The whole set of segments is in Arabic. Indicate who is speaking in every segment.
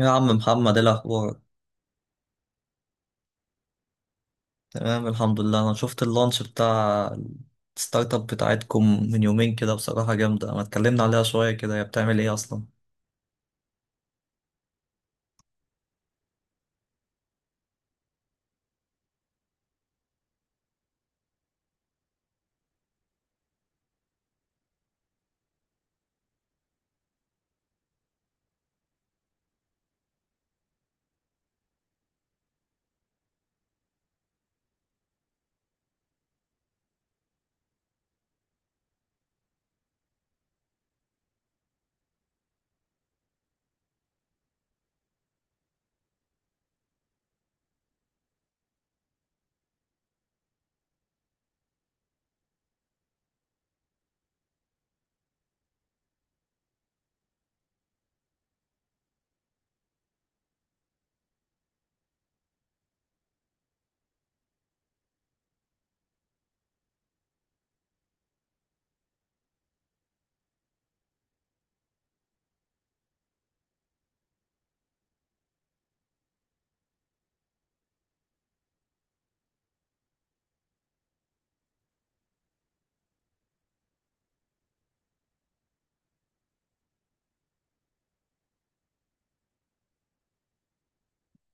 Speaker 1: يا عم محمد، ايه الاخبار؟ تمام الحمد لله. انا شفت اللانش بتاع الستارت اب بتاعتكم من يومين كده، بصراحة جامدة. ما اتكلمنا عليها شوية، كده هي بتعمل ايه اصلا؟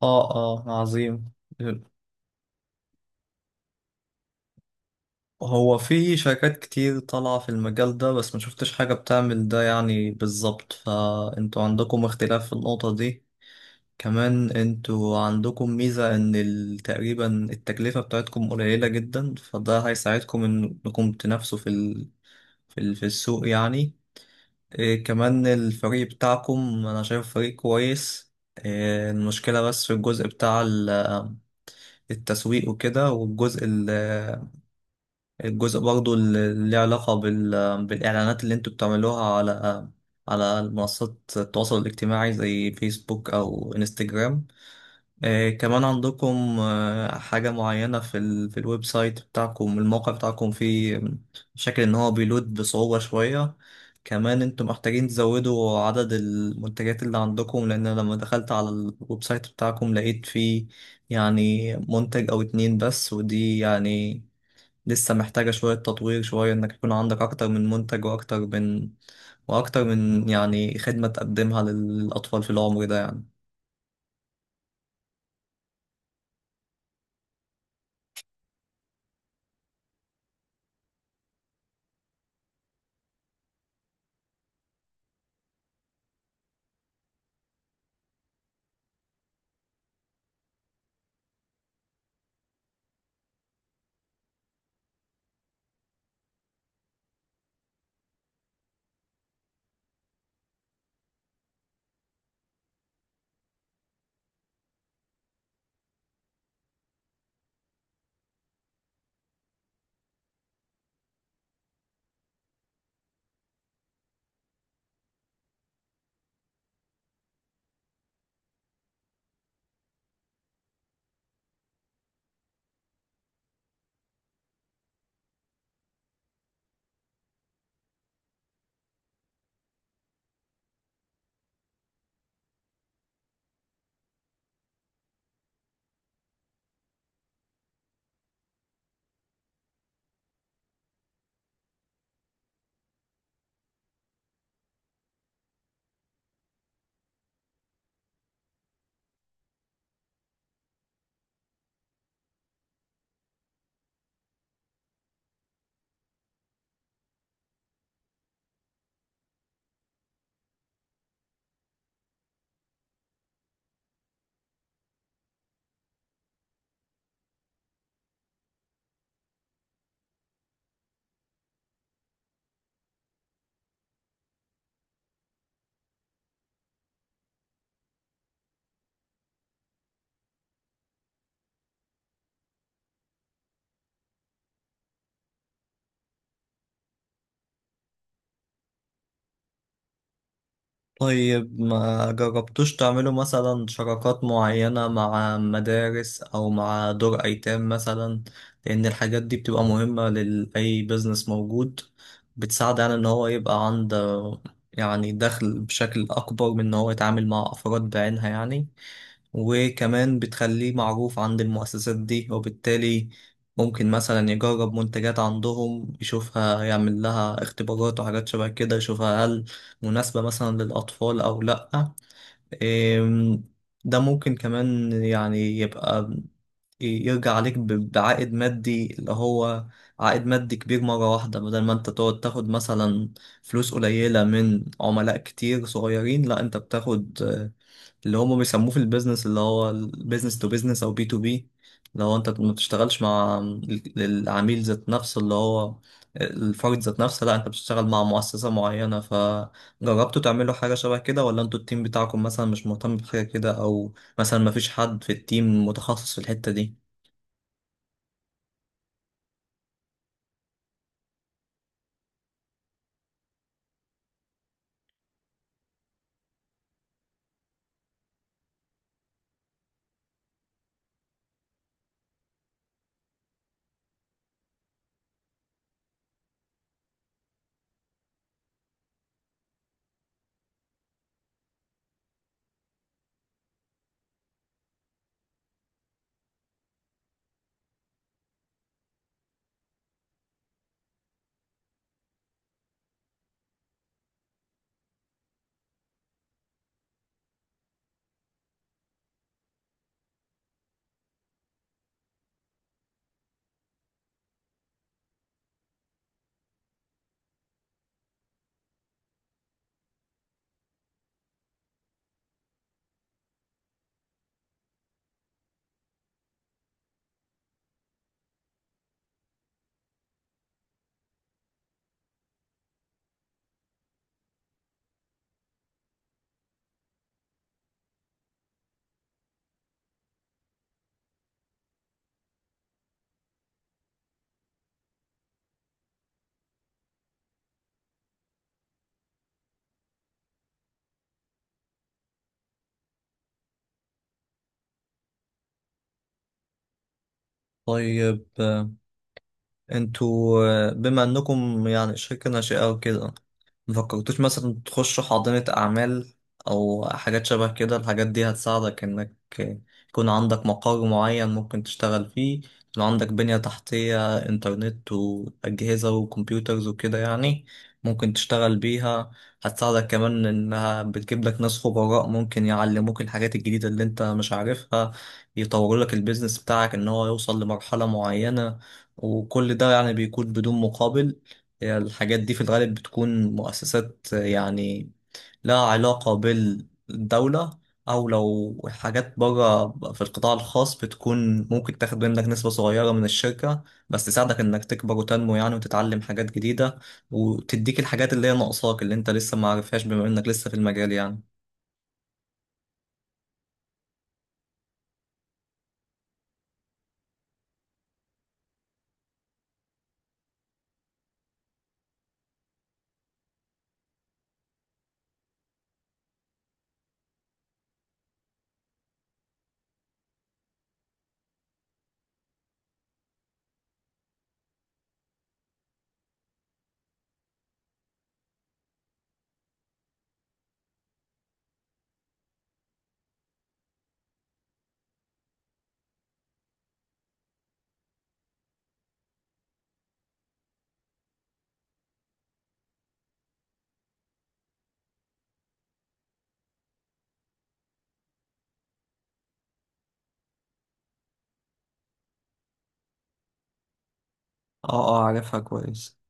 Speaker 1: اه، اه، عظيم. هو في شركات كتير طالعة في المجال ده، بس ما شفتش حاجة بتعمل ده يعني بالظبط، فانتوا عندكم اختلاف في النقطة دي. كمان انتوا عندكم ميزة ان تقريبا التكلفة بتاعتكم قليلة جدا، فده هيساعدكم انكم تنافسوا في السوق يعني. إيه كمان، الفريق بتاعكم أنا شايف فريق كويس. إيه المشكلة، بس في الجزء بتاع التسويق وكده، الجزء برضو اللي ليه علاقة بالإعلانات اللي انتوا بتعملوها على منصات التواصل الاجتماعي زي فيسبوك أو انستجرام. كمان عندكم حاجة معينة في الويب سايت بتاعكم، الموقع بتاعكم فيه شكل إن هو بيلود بصعوبة شوية. كمان انتم محتاجين تزودوا عدد المنتجات اللي عندكم، لأن أنا لما دخلت على الويب سايت بتاعكم لقيت فيه يعني منتج أو اتنين بس، ودي يعني لسه محتاجة شوية تطوير، شوية إنك يكون عندك أكتر من منتج وأكتر من يعني خدمة تقدمها للأطفال في العمر ده يعني. طيب، ما جربتوش تعملوا مثلا شراكات معينة مع مدارس أو مع دور أيتام مثلا؟ لأن الحاجات دي بتبقى مهمة لأي بيزنس موجود، بتساعد على إن هو يبقى عنده يعني دخل بشكل أكبر من إن هو يتعامل مع أفراد بعينها يعني. وكمان بتخليه معروف عند المؤسسات دي، وبالتالي ممكن مثلا يجرب منتجات عندهم، يشوفها، يعمل لها اختبارات وحاجات شبه كده، يشوفها هل مناسبة مثلا للأطفال أو لأ. إم، ده ممكن كمان يعني يبقى يرجع عليك بعائد مادي، اللي هو عائد مادي كبير مرة واحدة، بدل ما انت تقعد تاخد مثلا فلوس قليلة من عملاء كتير صغيرين. لا، انت بتاخد اللي هم بيسموه في البيزنس، اللي هو البيزنس تو بيزنس او B2B، اللي هو انت ما بتشتغلش مع العميل ذات نفسه، اللي هو الفرد ذات نفسه، لا انت بتشتغل مع مؤسسة معينة. فجربتوا تعملوا حاجة شبه كده؟ ولا انتوا التيم بتاعكم مثلا مش مهتم بحاجة كده، او مثلا ما فيش حد في التيم متخصص في الحتة دي؟ طيب، انتوا بما انكم يعني شركة ناشئة وكده، مفكرتوش مثلا تخشوا حاضنة أعمال أو حاجات شبه كده؟ الحاجات دي هتساعدك إنك يكون عندك مقر معين ممكن تشتغل فيه، يكون عندك بنية تحتية، إنترنت وأجهزة وكمبيوترز وكده يعني ممكن تشتغل بيها. هتساعدك كمان، إنها بتجيب لك ناس خبراء ممكن يعلموك الحاجات الجديدة اللي أنت مش عارفها، يطوروا لك البيزنس بتاعك إن هو يوصل لمرحلة معينة، وكل ده يعني بيكون بدون مقابل. هي الحاجات دي في الغالب بتكون مؤسسات يعني لها علاقة بالدولة، أو لو حاجات بره في القطاع الخاص بتكون ممكن تاخد منك نسبة صغيرة من الشركة، بس تساعدك إنك تكبر وتنمو يعني، وتتعلم حاجات جديدة، وتديك الحاجات اللي هي ناقصاك اللي أنت لسه معرفهاش بما إنك لسه في المجال يعني. اه، اه، عارفها كويس.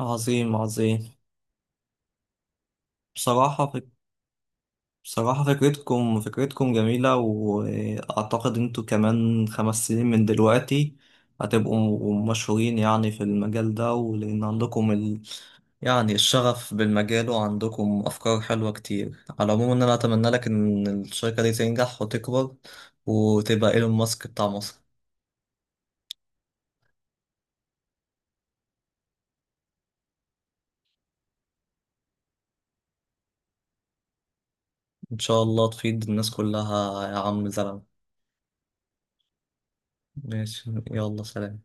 Speaker 1: عظيم، عظيم. بصراحة، بصراحة فكرتكم جميلة، وأعتقد أنتوا كمان 5 سنين من دلوقتي هتبقوا مشهورين يعني في المجال ده، ولأن عندكم يعني الشغف بالمجال، وعندكم أفكار حلوة كتير. على العموم، إن أنا أتمنى لك إن الشركة دي تنجح وتكبر، وتبقى إيلون ماسك بتاع مصر. إن شاء الله تفيد الناس كلها يا عم زلمة. ماشي، يلا سلام.